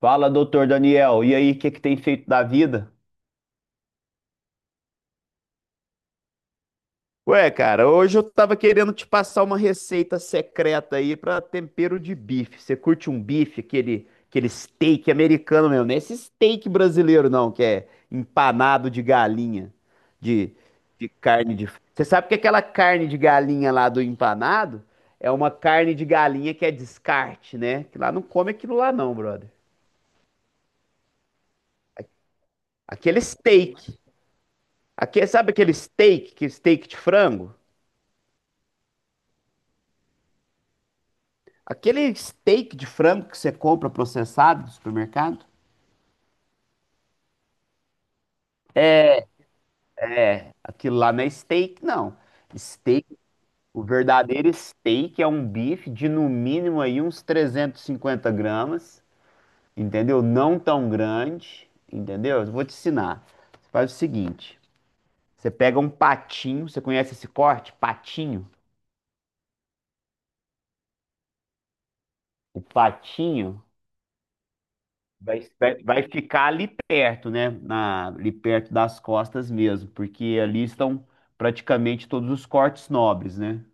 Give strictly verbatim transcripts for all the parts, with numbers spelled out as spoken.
Fala, doutor Daniel. E aí, o que que tem feito da vida? Ué, cara, hoje eu tava querendo te passar uma receita secreta aí pra tempero de bife. Você curte um bife, aquele, aquele steak americano mesmo, não é esse steak brasileiro não, que é empanado de galinha, de, de carne de. Você sabe que aquela carne de galinha lá do empanado é uma carne de galinha que é descarte, né? Que lá não come aquilo lá não, brother. Aquele steak. Aqui, sabe aquele steak, que steak de frango? Aquele steak de frango que você compra processado do supermercado? É, aquilo lá não é steak, não. Steak, o verdadeiro steak é um bife de no mínimo aí uns 350 gramas, entendeu? Não tão grande, entendeu? Eu vou te ensinar. Você faz o seguinte: você pega um patinho, você conhece esse corte? Patinho. O patinho. Vai, vai vai ficar ali perto, né? Na, ali perto das costas mesmo, porque ali estão praticamente todos os cortes nobres, né?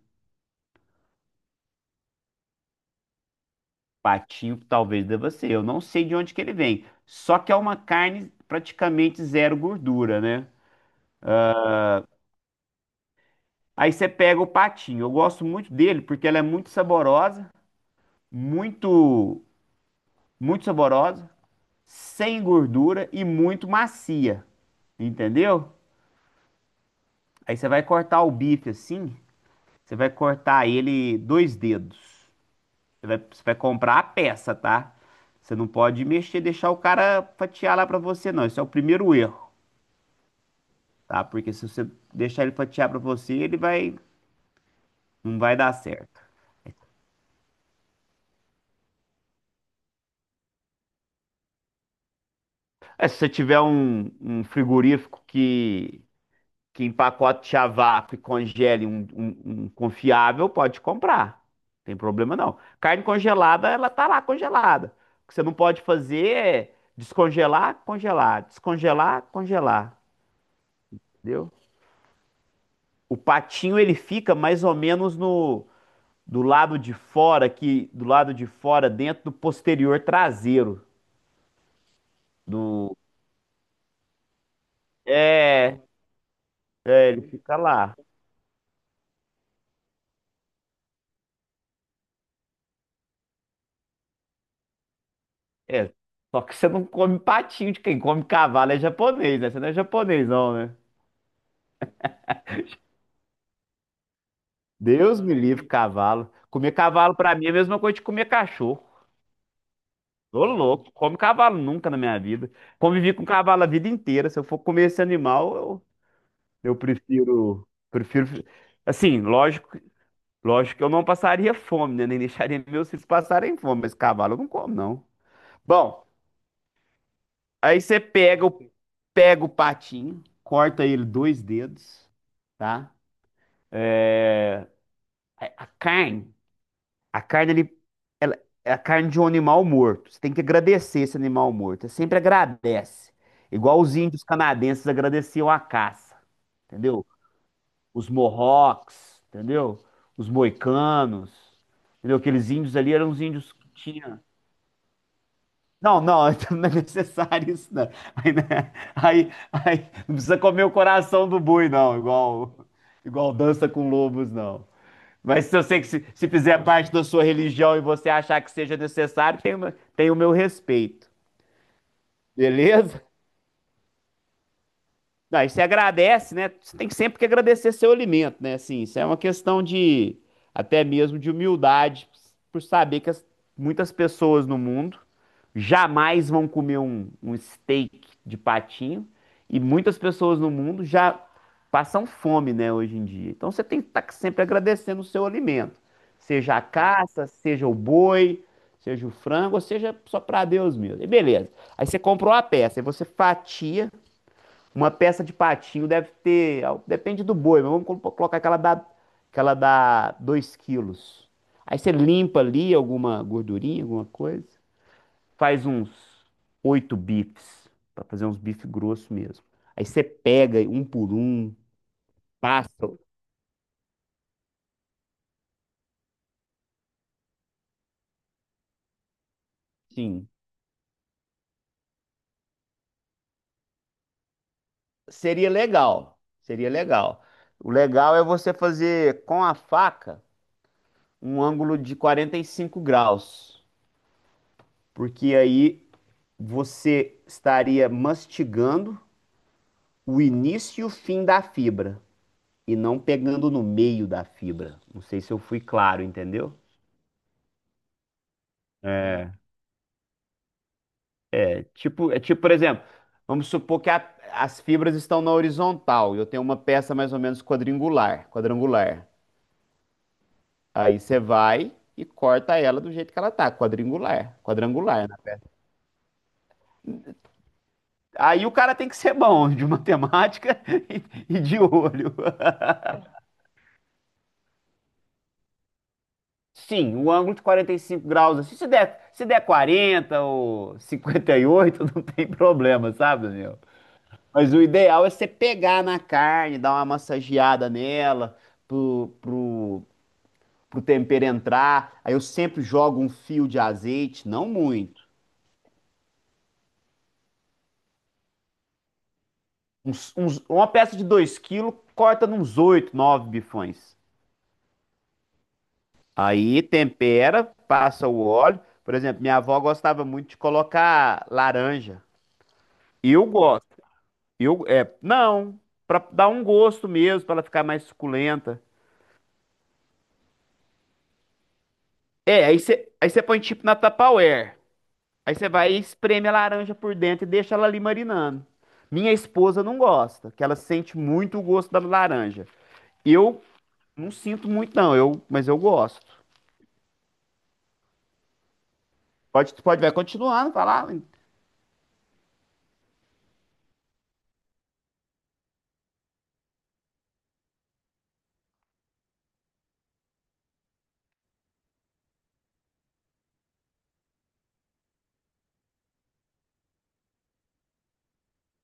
Patinho talvez deva ser, eu não sei de onde que ele vem. Só que é uma carne praticamente zero gordura, né? Aí você pega o patinho, eu gosto muito dele porque ela é muito saborosa, muito, muito saborosa, sem gordura e muito macia, entendeu? Aí você vai cortar o bife assim. Você vai cortar ele dois dedos. Você vai, você vai comprar a peça, tá? Você não pode mexer, deixar o cara fatiar lá pra você, não. Esse é o primeiro erro, tá? Porque se você deixar ele fatiar pra você, ele vai, não vai dar certo. É, se você tiver um, um frigorífico que que empacote a vácuo e congele um, um- um confiável, pode comprar. Não tem problema não. Carne congelada, ela tá lá congelada. O que você não pode fazer é descongelar, congelar, descongelar, congelar, entendeu? O patinho ele fica mais ou menos no do lado de fora aqui, do lado de fora dentro do posterior traseiro do é, é, ele fica lá. É, só que você não come patinho de quem come cavalo é japonês, né? Você não é japonês não, né? Deus me livre, cavalo. Comer cavalo pra mim é a mesma coisa de comer cachorro. Tô louco, come cavalo nunca na minha vida. Convivi com cavalo a vida inteira. Se eu for comer esse animal, eu, eu prefiro, prefiro. Assim, lógico, lógico que eu não passaria fome, né? Nem deixaria meus filhos passarem fome, mas cavalo eu não como, não. Bom, aí você pega o, pega o patinho, corta ele dois dedos, tá? A carne. A carne, ele, ela, é a carne de um animal morto. Você tem que agradecer esse animal morto. Você sempre agradece. Igual os índios canadenses agradeciam a caça, entendeu? Os Mohawks, entendeu? Os moicanos, entendeu? Aqueles índios ali eram os índios que tinham. Não, não, não é necessário isso, não. Aí, né? Aí, aí, não precisa comer o coração do boi, não, igual, igual dança com lobos, não. Mas se eu sei que se, se fizer parte da sua religião e você achar que seja necessário, tem, o meu- tem o meu respeito. Beleza? Não, e você agradece, né? Você tem sempre que agradecer seu alimento, né? Assim, isso é uma questão de até mesmo de humildade, por saber que as- muitas pessoas no mundo jamais vão comer um, um steak de patinho e muitas pessoas no mundo já passam fome, né, hoje em dia. Então você tem que estar sempre agradecendo o seu alimento, seja a caça, seja o boi, seja o frango, ou seja só para Deus mesmo. E beleza. Aí você comprou a peça, aí você fatia uma peça de patinho deve ter, ah, depende do boi, mas vamos colo- colocar aquela dá, aquela dá dois quilos. Aí você limpa ali alguma gordurinha, alguma coisa, faz uns oito bifes, para fazer uns bifes grossos mesmo. Aí você pega um por um, passa, sim. Seria legal, seria legal. O legal é você fazer com a faca um ângulo de quarenta e cinco graus, porque aí você estaria mastigando o início e o fim da fibra e não pegando no meio da fibra. Não sei se eu fui claro, entendeu? É tipo, é tipo, por exemplo, vamos supor que a- as fibras estão na horizontal e eu tenho uma peça mais ou menos quadrangular, quadrangular. Aí você vai e corta ela do jeito que ela tá, quadrangular, quadrangular. Né? Aí o cara tem que ser bom de matemática e e de olho. Sim, o ângulo de quarenta e cinco graus, assim, se der, se der quarenta ou cinquenta e oito, não tem problema, sabe, Daniel? Mas o ideal é você pegar na carne, dar uma massageada nela, pro, pro, pro tempero entrar. Aí eu sempre jogo um fio de azeite, não muito. Uns- uns- uma peça de dois quilos, corta nos oito, nove bifões. Aí tempera, passa o óleo. Por exemplo, minha avó gostava muito de colocar laranja. Eu gosto. Eu, é, não, pra dar um gosto mesmo, pra ela ficar mais suculenta. É. aí você aí você põe tipo na Tupperware. Aí você vai e espreme a laranja por dentro e deixa ela ali marinando. Minha esposa não gosta, que ela sente muito o gosto da laranja. Eu não sinto muito não, eu, mas eu gosto. Pode, pode, vai continuando, falar. O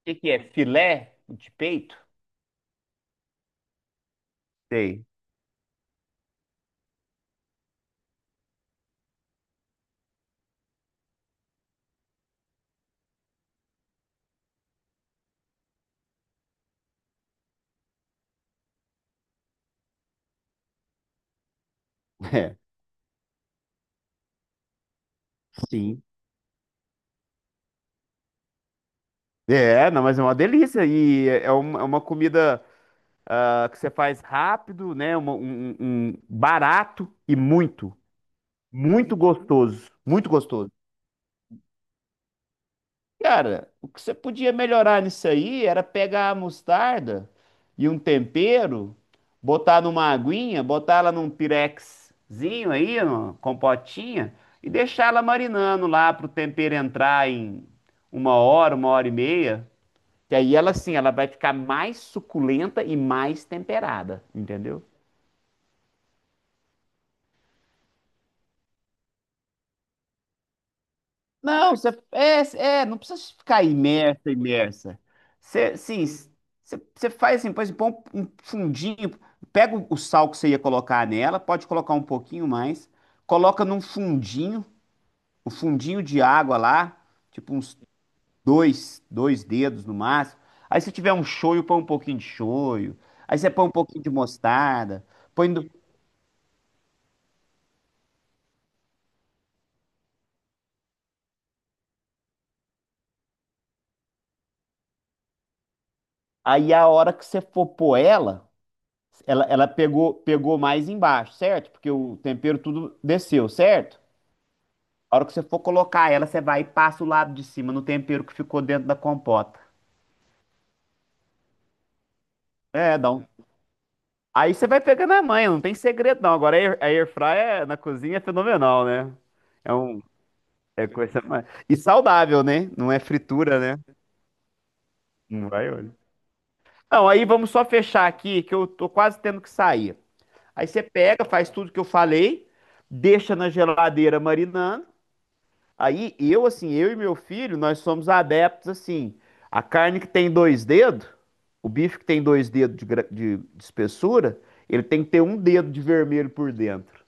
que que é? Filé de peito? Sei. É, sim. É, não, mas é uma delícia e é é uma, é uma comida ah, que você faz rápido, né? um, um- um barato e muito, muito gostoso, muito gostoso. Cara, o que você podia melhorar nisso aí era pegar a mostarda e um tempero, botar numa aguinha, botar ela num pirexzinho aí, numa compotinha, e deixar ela marinando lá pro tempero entrar em uma hora, uma hora e meia. Que aí ela, assim, ela vai ficar mais suculenta e mais temperada, entendeu? Não, você, é, é, não precisa ficar imersa, imersa. Você, sim, você, você faz assim, por exemplo, põe um um fundinho, pega o o sal que você ia colocar nela, pode colocar um pouquinho mais, coloca num fundinho, um fundinho de água lá, tipo uns dois, dois dedos no máximo. Aí se tiver um shoyu, põe um pouquinho de shoyu. Aí você põe um pouquinho de mostarda, põe do- aí a hora que você for pôr ela. Ela, ela pegou, pegou mais embaixo, certo? Porque o tempero tudo desceu, certo? A hora que você for colocar ela, você vai e passa o lado de cima no tempero que ficou dentro da compota. É, dá um. Aí você vai pegando a manha, não tem segredo não. Agora a air, a air fryer na cozinha é fenomenal, né? É um é coisa mais e saudável, né? Não é fritura, né? Não vai olho. Não, aí vamos só fechar aqui que eu tô quase tendo que sair. Aí você pega, faz tudo que eu falei, deixa na geladeira marinando. Aí eu, assim, eu e meu filho, nós somos adeptos, assim, a carne que tem dois dedos, o bife que tem dois dedos de, gra- de- de espessura, ele tem que ter um dedo de vermelho por dentro.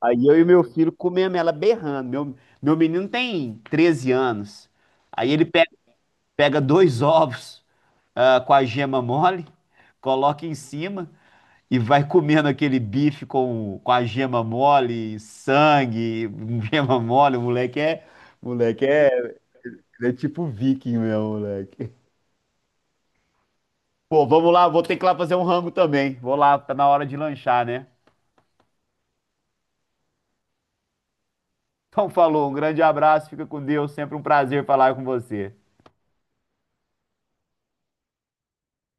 Aí eu e meu filho comemos ela berrando. Meu, meu menino tem treze anos. Aí ele pe- pega, dois ovos, ah, com a gema mole, coloca em cima e vai comendo aquele bife com, com a gema mole, sangue, gema mole. O moleque é, o moleque é ele é tipo viking, meu moleque. Pô, vamos lá, vou ter que ir lá fazer um rango também. Vou lá, tá na hora de lanchar, né? Então falou, um grande abraço, fica com Deus, sempre um prazer falar com você.